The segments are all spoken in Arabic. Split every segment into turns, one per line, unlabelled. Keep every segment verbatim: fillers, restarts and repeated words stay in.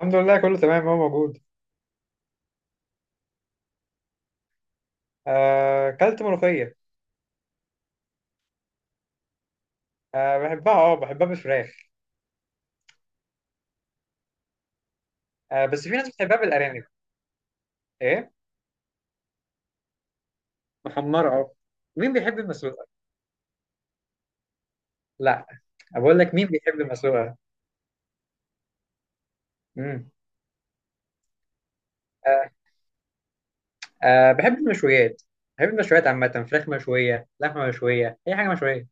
الحمد لله، كله تمام. هو موجود. آه، كلت ملوخية. آه، بحبها اه بحبها بالفراخ. آه، بس في ناس بتحبها بالأرانب. ايه. محمرة. اه. مين بيحب المسلوقة؟ لا. بقول لك مين بيحب المسلوقة؟ امم. آه، آه، بحب المشويات. بحب المشويات عامة، فراخ مشوية، لحمة مشوية، أي حاجة مشوية.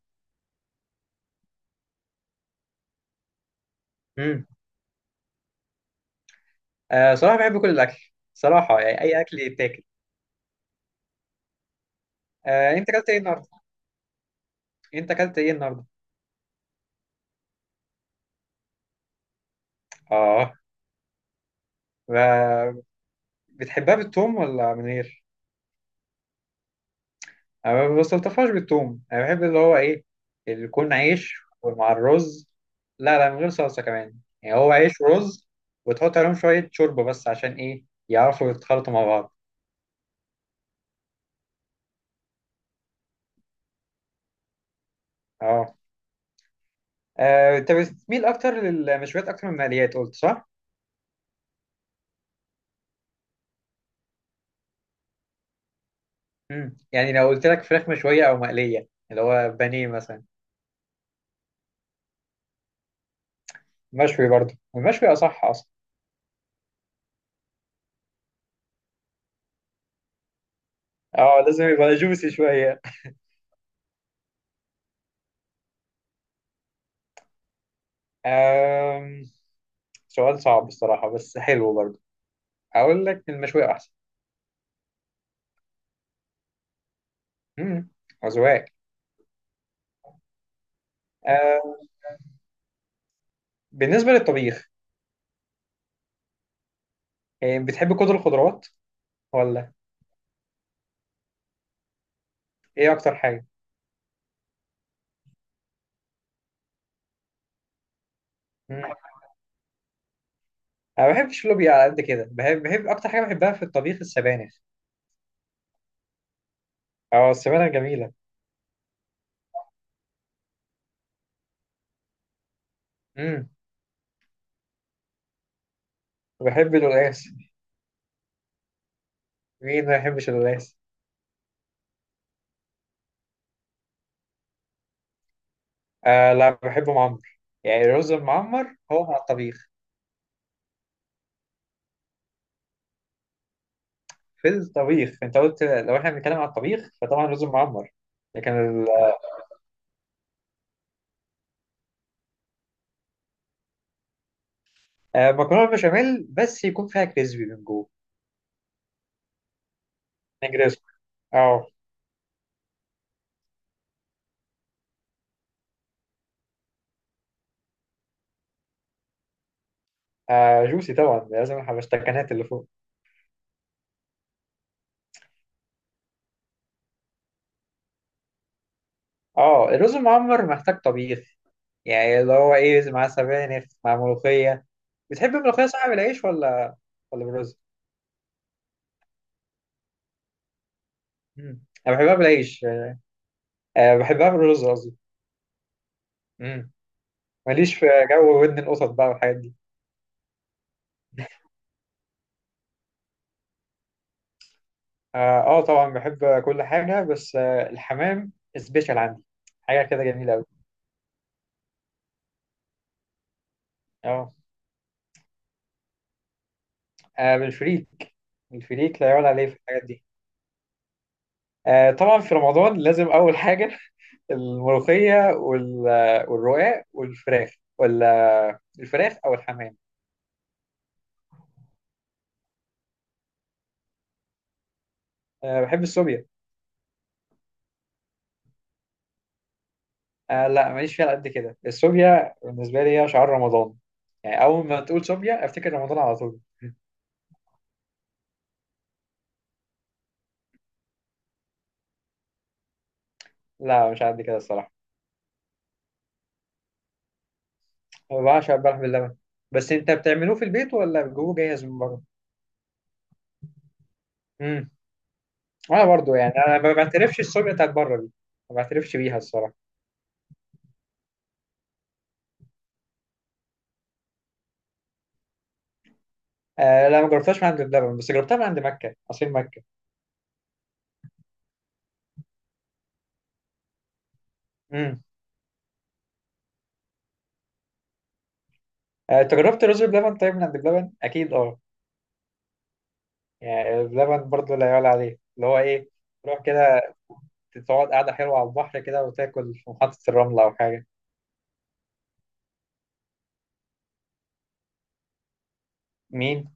امم. آه، صراحة بحب كل الأكل. صراحة يعني أي أكل يتاكل. آه، أنت أكلت إيه النهاردة؟ أنت أكلت إيه النهاردة؟ آه. ب- بتحبها بالثوم ولا من غير؟ أنا ما بستلطفهاش بالثوم، انا بحب اللي هو ايه، اللي يكون عيش ومع الرز. لا، لا، من غير صلصه كمان، يعني هو عيش ورز، وتحط عليهم شويه شوربه بس عشان ايه يعرفوا يتخلطوا مع بعض. اه. آه، انت بتميل اكتر للمشويات اكتر من المقليات، قلت صح؟ امم. يعني لو قلت لك فراخ مشويه او مقليه اللي هو بانيه مثلا، مشوي برضه، المشوي اصح اصلا. اه، لازم يبقى جوسي شويه. آم، سؤال صعب الصراحه، بس حلو برضه. اقول لك المشوي احسن. امم. أذواق. آه. بالنسبة للطبيخ، آه، بتحب كل الخضروات ولا؟ ايه اكتر حاجة؟ مم. انا ما بحبش اللوبيا على قد كده. بحب بحب اكتر حاجة بحبها في الطبيخ السبانخ. اه، السبانخ جميلة. امم. بحب القلقاس. مين ما يحبش القلقاس؟ آه لا، بحبه معمر. يعني الرز المعمر هو مع الطبيخ. في الطبيخ، انت قلت لو احنا بنتكلم على الطبيخ فطبعا الرز المعمر. لكن ال- آه، المكرونة البشاميل بس يكون فيها كريسبي من جوه. نجريسكو. اه. آه، جوسي طبعا، لازم الحبشتكنات اللي فوق. اه، الرز المعمر محتاج طبيخ. يعني اللي هو ايه، مع سبانخ، مع ملوخية. بتحب الملوخية صح، بالعيش ولا ولا بالرز؟ مم. انا بحبها بالعيش. أه، بحبها بالرز قصدي. مم. ماليش في جو ودن القطط بقى والحاجات دي. اه. آه، طبعا بحب كل حاجة، بس آه الحمام سبيشال عندي. حاجة كده جميلة أوي. اه. آه، بالفريك. الفريك لا يعلى عليه في الحاجات دي. آه طبعا في رمضان لازم أول حاجة الملوخية وال... والرقاق والفراخ، ولا الفراخ أو الحمام. أه، بحب السوبيا. أه لا، ماليش فيها على قد كده. السوبيا بالنسبة لي هي شعار رمضان. يعني أول ما تقول سوبيا أفتكر رمضان على طول. لا مش على قد كده الصراحة. أنا بعشق البلح باللبن. بس أنت بتعملوه في البيت ولا بتجيبوه جاهز من بره؟ امم. وأنا برضو، يعني أنا ما بعترفش السوبيا بتاعت بره دي. ما بعترفش بيها الصراحة. أه لا، ما جربتهاش من عند بلبن، بس جربتها من عند مكة، عصير مكة. امم. أه، أنت جربت رز بلبن طيب من عند بلبن؟ أكيد أه. يعني اللبن برضو لا يعلى عليه، اللي هو ايه، تروح كده تقعد قاعدة حلوة على البحر كده، وتاكل في محطة الرمل أو حاجة. مين؟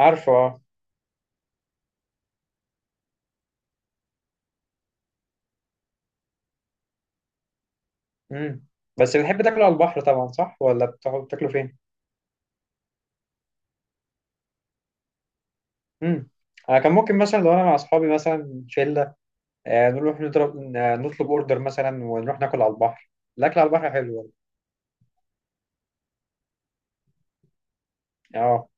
عارفه اه. امم. بس بتحب تاكله على البحر طبعا، صح، ولا بتقعد تاكله فين؟ امم. أنا كان ممكن مثلا لو أنا مع أصحابي مثلا، شلة، آه، نروح نضرب، آه، نطلب أوردر مثلا ونروح ناكل على البحر. الأكل على البحر حلو برضه. اه.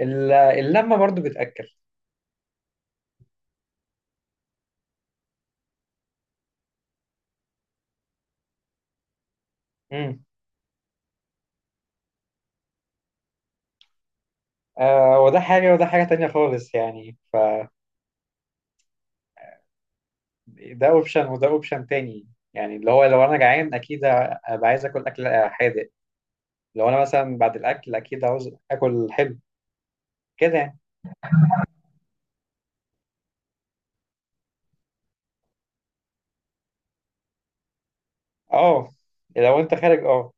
ال- اللمة برضو بتأكل. امم. آه وده حاجة وده حاجة تانية خالص، يعني ف ده اوبشن وده اوبشن تاني. يعني اللي هو لو انا جعان اكيد ابقى عايز اكل اكل حادق. لو انا مثلا بعد الاكل اكيد عاوز اكل حلو، كده يعني. اه. لو انت خارج اه.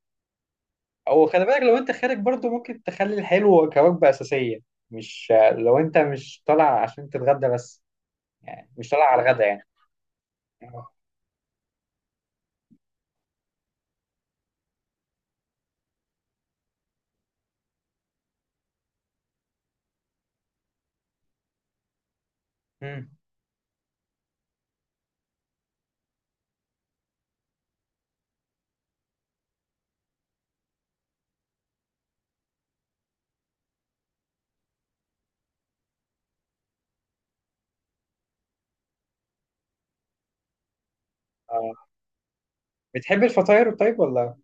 او خلي بالك، لو انت خارج برضو ممكن تخلي الحلو كوجبة اساسية، مش لو انت مش طالع عشان تتغدى بس. مش طالع على الغدا يعني. امم. آه. بتحب الفطاير طيب ولا؟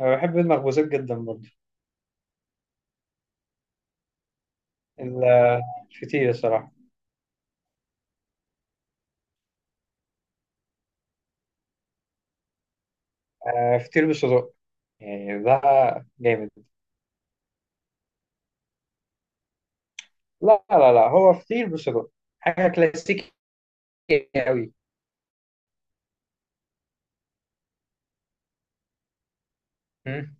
انا بحب المخبوزات جدا برضو. ال- الفطير الصراحة. آه، فطير بالصدق، يعني ده جامد. لا، لا، لا، هو فطير بصدق، حاجة كلاسيكية. قوي. مم.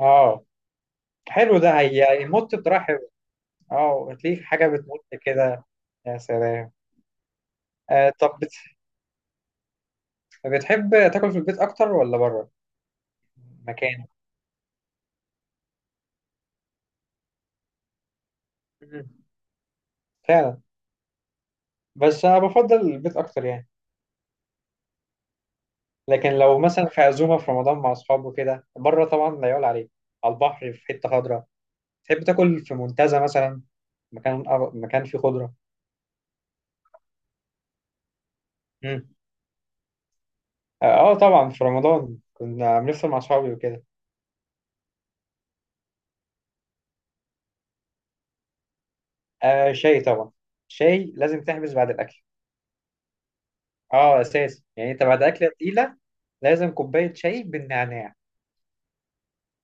اه حلو ده، هي- هيمط بطريقة حلوة. اه، هتلاقيه حاجة بتمط كده. يا سلام. آه طب بت... بتحب تاكل في البيت أكتر ولا بره؟ مكان. مم. فعلا. بس أنا بفضل البيت أكتر يعني. لكن لو مثلا في عزومة في رمضان مع أصحابه كده بره، طبعا لا يعلى عليه. على البحر في حتة خضراء. تحب تاكل في منتزه مثلا، مكان، مكان فيه خضرة. مم. اه. آه، طبعا في رمضان كنا بنفطر مع اصحابي وكده. آه شاي طبعا. شاي لازم تحبس بعد الاكل. اه اساس، يعني انت بعد اكله تقيله لازم كوبايه شاي بالنعناع.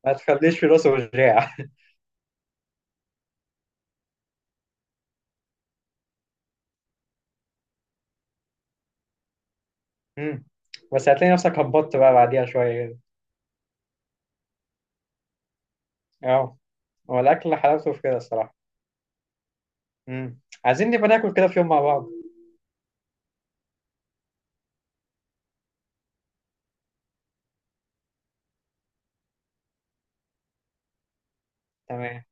ما تخليش في راسه وجاع. مم. بس هتلاقي نفسك هبطت بقى بعديها شويه كده. اه. هو الاكل حلاوته في كده الصراحه. مم. عايزين نبقى ناكل كده في يوم مع بعض. تمام.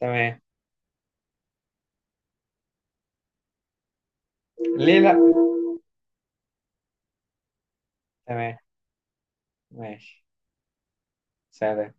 تمام. ليه لا. تمام. ماشي. سلام.